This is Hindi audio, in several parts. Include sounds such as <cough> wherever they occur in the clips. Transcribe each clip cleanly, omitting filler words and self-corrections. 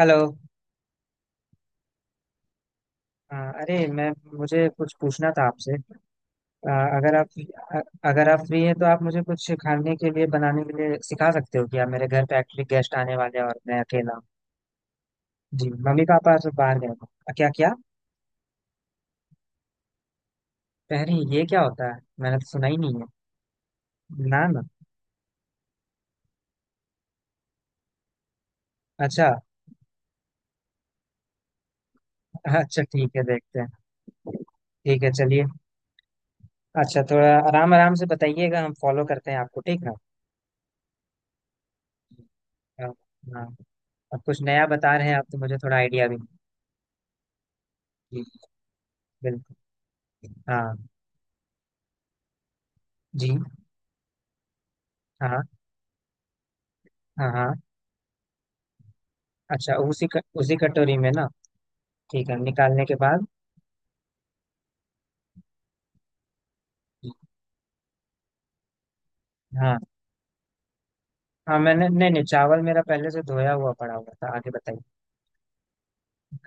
हेलो। अरे मैं मुझे कुछ पूछना था आपसे। अ, अगर आप अ- अगर आप फ्री हैं तो आप मुझे कुछ खाने के लिए, बनाने के लिए सिखा सकते हो क्या? मेरे घर पे एक्चुअली गेस्ट आने वाले हैं और मैं अकेला हूँ। जी मम्मी पापा सब बाहर गए हैं। क्या क्या? अरे ये क्या होता है? मैंने तो सुना ही नहीं है। ना ना। अच्छा। अच्छा ठीक है, देखते हैं। ठीक है चलिए। अच्छा थोड़ा आराम आराम से बताइएगा, हम फॉलो करते हैं आपको, ठीक ना। हाँ। हाँ, अब कुछ नया बता रहे हैं आप तो मुझे थोड़ा आइडिया भी। नहीं। जी। बिल्कुल। हाँ। जी। हाँ हाँ। हाँ। अच्छा उसी उसी कटोरी में ना। ठीक है, निकालने के बाद? हाँ। हाँ मैंने, नहीं नहीं, चावल मेरा पहले से धोया हुआ पड़ा हुआ था, आगे बताइए।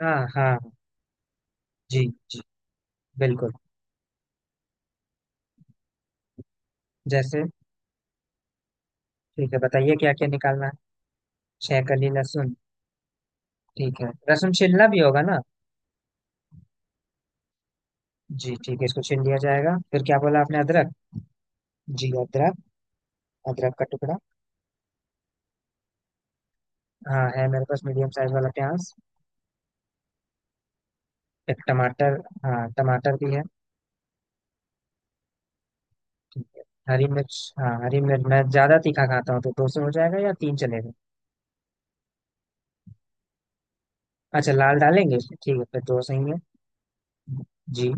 हाँ हाँ। जी। जी बिल्कुल। जैसे? ठीक है बताइए क्या क्या निकालना है। 6 कली लहसुन? ठीक है, लहसुन छीलना भी होगा ना। जी ठीक है, इसको छील लिया जाएगा। फिर क्या बोला आपने? अदरक? जी अदरक। अदरक का टुकड़ा। हाँ है, मेरे पास मीडियम साइज वाला प्याज। एक टमाटर? हाँ टमाटर भी है। ठीक है। हरी मिर्च? हाँ हरी मिर्च, मैं ज्यादा तीखा खाता हूँ तो 200 हो जाएगा या तीन चलेगा? अच्छा लाल डालेंगे, ठीक है फिर दो सही है। जी।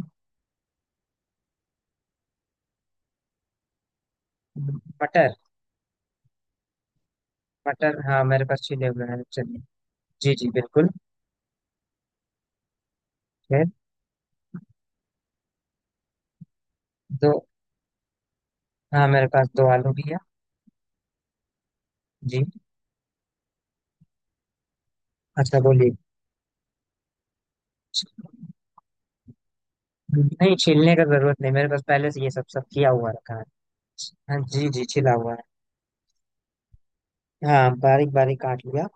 मटर? मटर? हाँ मेरे पास छिले हुए हैं, चलिए। जी जी बिल्कुल। फिर? दो? हाँ मेरे पास 2 आलू भी है। जी। अच्छा बोलिए। नहीं, छीलने का जरूरत नहीं, मेरे पास पहले से ये सब सब किया हुआ रखा है। हाँ जी जी, छिला हुआ है। हाँ बारीक बारीक काट लिया।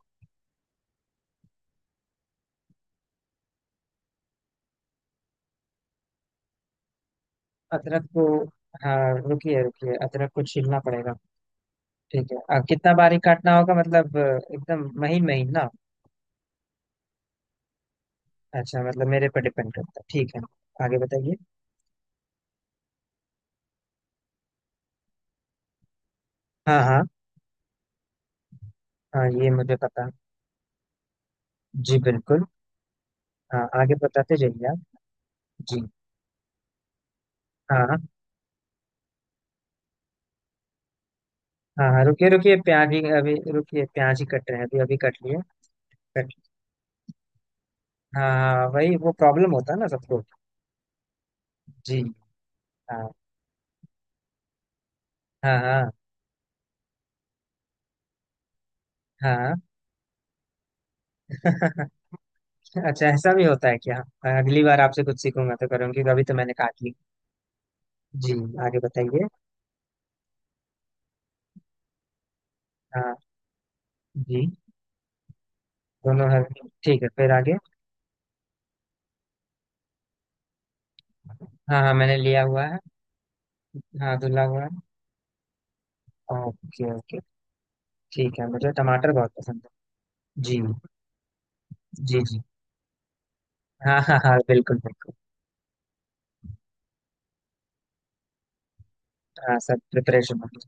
अदरक को? हाँ। रुकिए रुकिए, अदरक को छीलना पड़ेगा। ठीक है, अब कितना बारीक काटना होगा? मतलब एकदम महीन महीन ना? अच्छा मतलब मेरे पर डिपेंड करता है, ठीक है। आगे बताइए। हाँ हाँ। हाँ ये मुझे पता। जी बिल्कुल। हाँ, आगे बताते जाइए आप। जी। हाँ हाँ। हाँ। हाँ, रुकिए रुकिए, प्याज ही अभी, रुकिए प्याज ही कट रहे हैं, अभी अभी कट लिए। कट हाँ हाँ, वही वो प्रॉब्लम होता है ना सबको। जी। हाँ। हाँ हाँ हाँ। <laughs> अच्छा ऐसा भी होता है क्या? हाँ, अगली बार आपसे कुछ सीखूंगा तो करूंगी, तो अभी तो मैंने काट ली। जी। आगे बताइए। हाँ। जी। दोनों हर। ठीक है फिर आगे। हाँ हाँ मैंने लिया हुआ है। हाँ धुला हुआ है। Okay okay. ठीक है मुझे टमाटर बहुत पसंद है। जी जी जी। हाँ हाँ हाँ बिल्कुल बिल्कुल। हाँ सब प्रिपरेशन हो गई।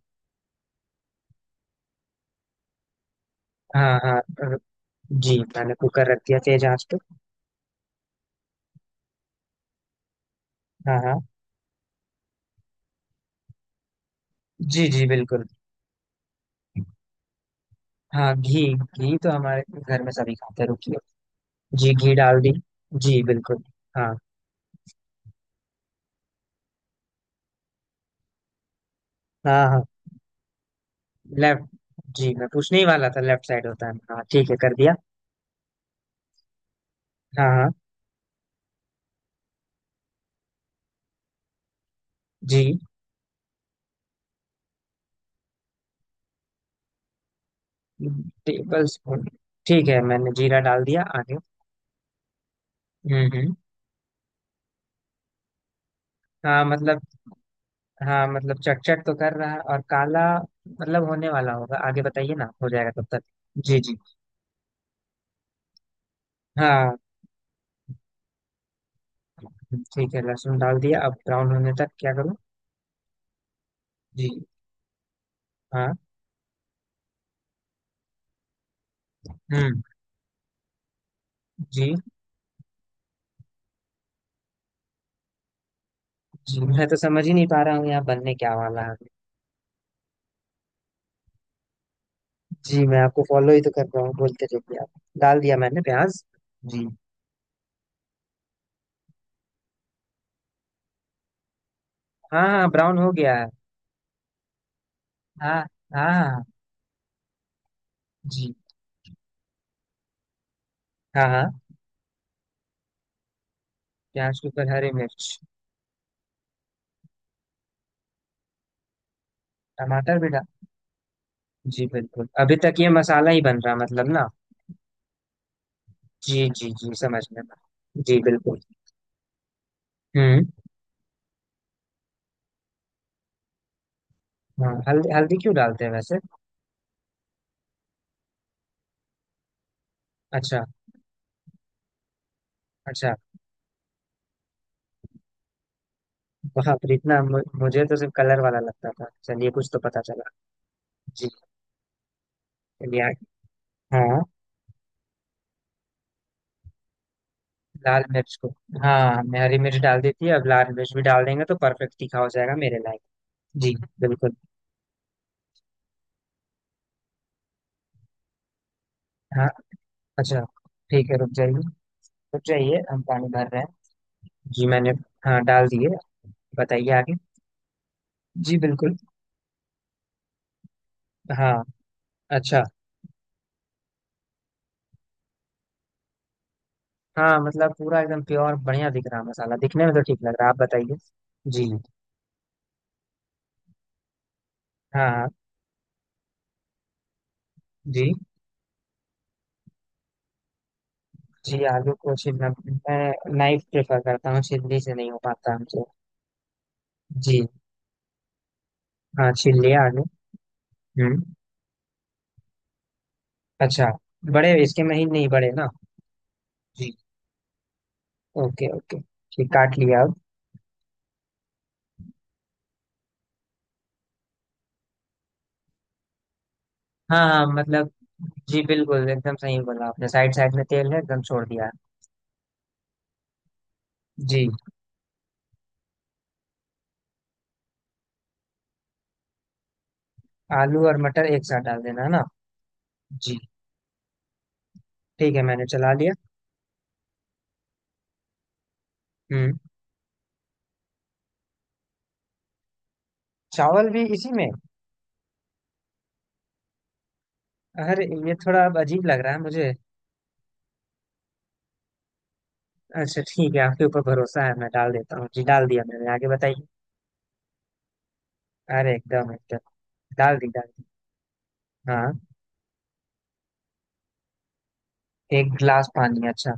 हाँ हाँ, जी मैंने कुकर रख दिया तेज आंच पे। हाँ हाँ जी जी बिल्कुल। हाँ घी, घी तो हमारे घर में सभी खाते हैं, रुकिए। जी घी डाल दी। जी बिल्कुल। हाँ। हाँ हाँ लेफ्ट। जी मैं पूछने ही वाला था लेफ्ट साइड होता है, हाँ ठीक है कर दिया। हाँ हाँ। जी। Tablespoon? ठीक है मैंने जीरा डाल दिया, आगे? हम्म। हाँ मतलब। हाँ मतलब चट तो कर रहा है और काला। मतलब होने वाला होगा, आगे बताइए ना, हो जाएगा तब तक। जी जी। हाँ। ठीक है लहसुन डाल दिया, अब ब्राउन होने तक क्या करूँ? जी। हाँ। हम्म। जी। जी मैं तो समझ ही नहीं पा रहा हूँ यहाँ बनने क्या वाला है। जी मैं आपको फॉलो ही तो कर रहा हूँ, बोलते रहिए आप। डाल दिया मैंने प्याज। जी। हाँ हाँ ब्राउन हो गया है। हाँ। हाँ हाँ। जी। हाँ। हाँ, प्याज के ऊपर हरी मिर्च। टमाटर भी डाल। जी बिल्कुल, अभी तक ये मसाला ही बन रहा मतलब ना। जी जी जी समझ में। जी बिल्कुल। हम्म। हाँ हल्दी, हल्दी क्यों डालते हैं वैसे? अच्छा। अच्छा। बाप रे इतना! मुझे तो सिर्फ कलर वाला लगता था, चलिए कुछ तो पता चला। जी। चलिए आगे। हाँ। लाल मिर्च को? हाँ मैं हरी मिर्च डाल देती है, अब लाल मिर्च भी डाल देंगे तो परफेक्ट तीखा हो जाएगा मेरे लायक। जी। बिल्कुल। हाँ। अच्छा। ठीक है रुक जाइए, रुक जाइए हम पानी भर रहे हैं। जी मैंने, हाँ डाल दिए, बताइए आगे। जी बिल्कुल। हाँ। अच्छा। हाँ मतलब पूरा एकदम प्योर बढ़िया दिख रहा, मसाला दिखने में तो ठीक लग रहा है। आप बताइए। जी। हाँ। जी। जी आलू को छीलना मैं नाइफ प्रेफर करता हूँ, छिलनी से नहीं हो पाता हमसे। जी। हाँ छील लिया आलू। हम्म। अच्छा, बड़े? इसके महीन नहीं बड़े ना? जी। Okay okay. ठीक काट लिया, अब? हाँ हाँ मतलब, जी बिल्कुल एकदम सही बोला आपने, साइड साइड में तेल है एकदम छोड़ दिया। जी। आलू और मटर एक साथ डाल देना है ना? जी। ठीक है मैंने चला लिया। हम्म। चावल भी इसी में? अरे ये थोड़ा अब अजीब लग रहा है मुझे। अच्छा ठीक है, आपके ऊपर भरोसा है, मैं डाल देता हूँ। जी डाल दिया मैंने, आगे बताइए। अरे एकदम एकदम। डाल दी, डाल दी। हाँ। एक गिलास पानी? अच्छा।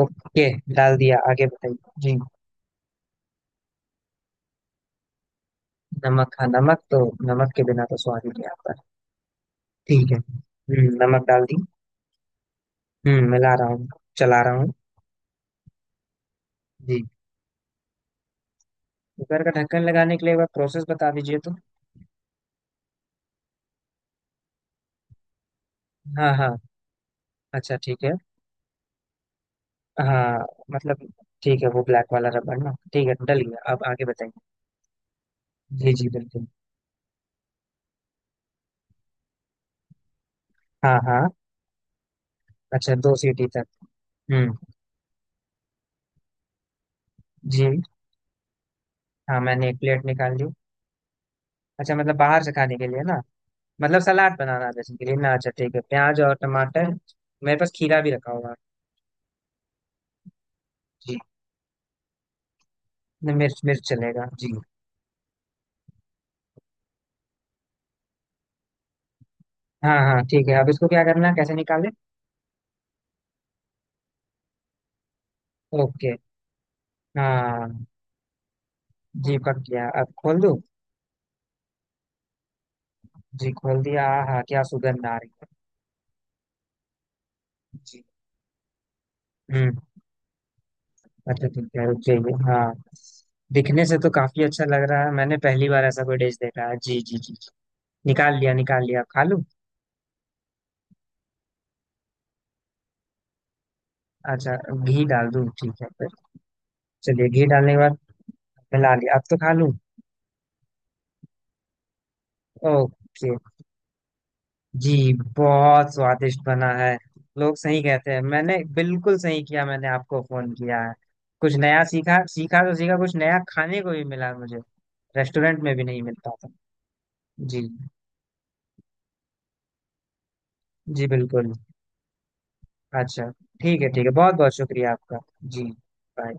ओके। डाल दिया, आगे बताइए जी। नमक? हाँ नमक तो, नमक के बिना तो स्वाद ही नहीं आता। ठीक है। नमक डाल दी। मिला रहा हूँ, चला रहा हूँ। जी। कुकर का ढक्कन लगाने के लिए एक बार प्रोसेस बता दीजिए तो। हाँ हाँ। अच्छा ठीक है। हाँ। मतलब, ठीक है वो ब्लैक वाला रबड़ ना, ठीक है डल गया, अब आगे बताइए। जी जी बिल्कुल। हाँ हाँ। अच्छा 2 सीटी तक। हम्म। जी। हाँ मैंने एक प्लेट निकाल ली। अच्छा मतलब बाहर से खाने के लिए ना? मतलब सलाद बनाना जैसे के लिए ना? अच्छा ठीक है, प्याज और टमाटर। मेरे पास खीरा भी रखा हुआ है। जी। न, मिर्च, मिर्च चलेगा जी। हाँ हाँ ठीक है, अब इसको क्या करना है, कैसे निकालें? ओके। हाँ। जी पक गया, अब खोल दूँ? जी खोल दिया। हाँ क्या सुगंध आ रही है! जी। हम्म। अच्छा ठीक है रुक जाइए। हाँ दिखने से तो काफी अच्छा लग रहा है, मैंने पहली बार ऐसा कोई डिश देखा है। जी जी जी। निकाल लिया निकाल लिया, खा लूं? अच्छा घी डाल दूं, ठीक है फिर। चलिए घी डालने के बाद मिला लिया, अब तो खा लूं? ओके। जी बहुत स्वादिष्ट बना है। लोग सही कहते हैं, मैंने बिल्कुल सही किया मैंने आपको फोन किया है। कुछ नया सीखा, सीखा तो सीखा, कुछ नया खाने को भी मिला मुझे। रेस्टोरेंट में भी नहीं मिलता था। जी। जी बिल्कुल। अच्छा ठीक है, ठीक है बहुत बहुत शुक्रिया आपका। जी। बाय।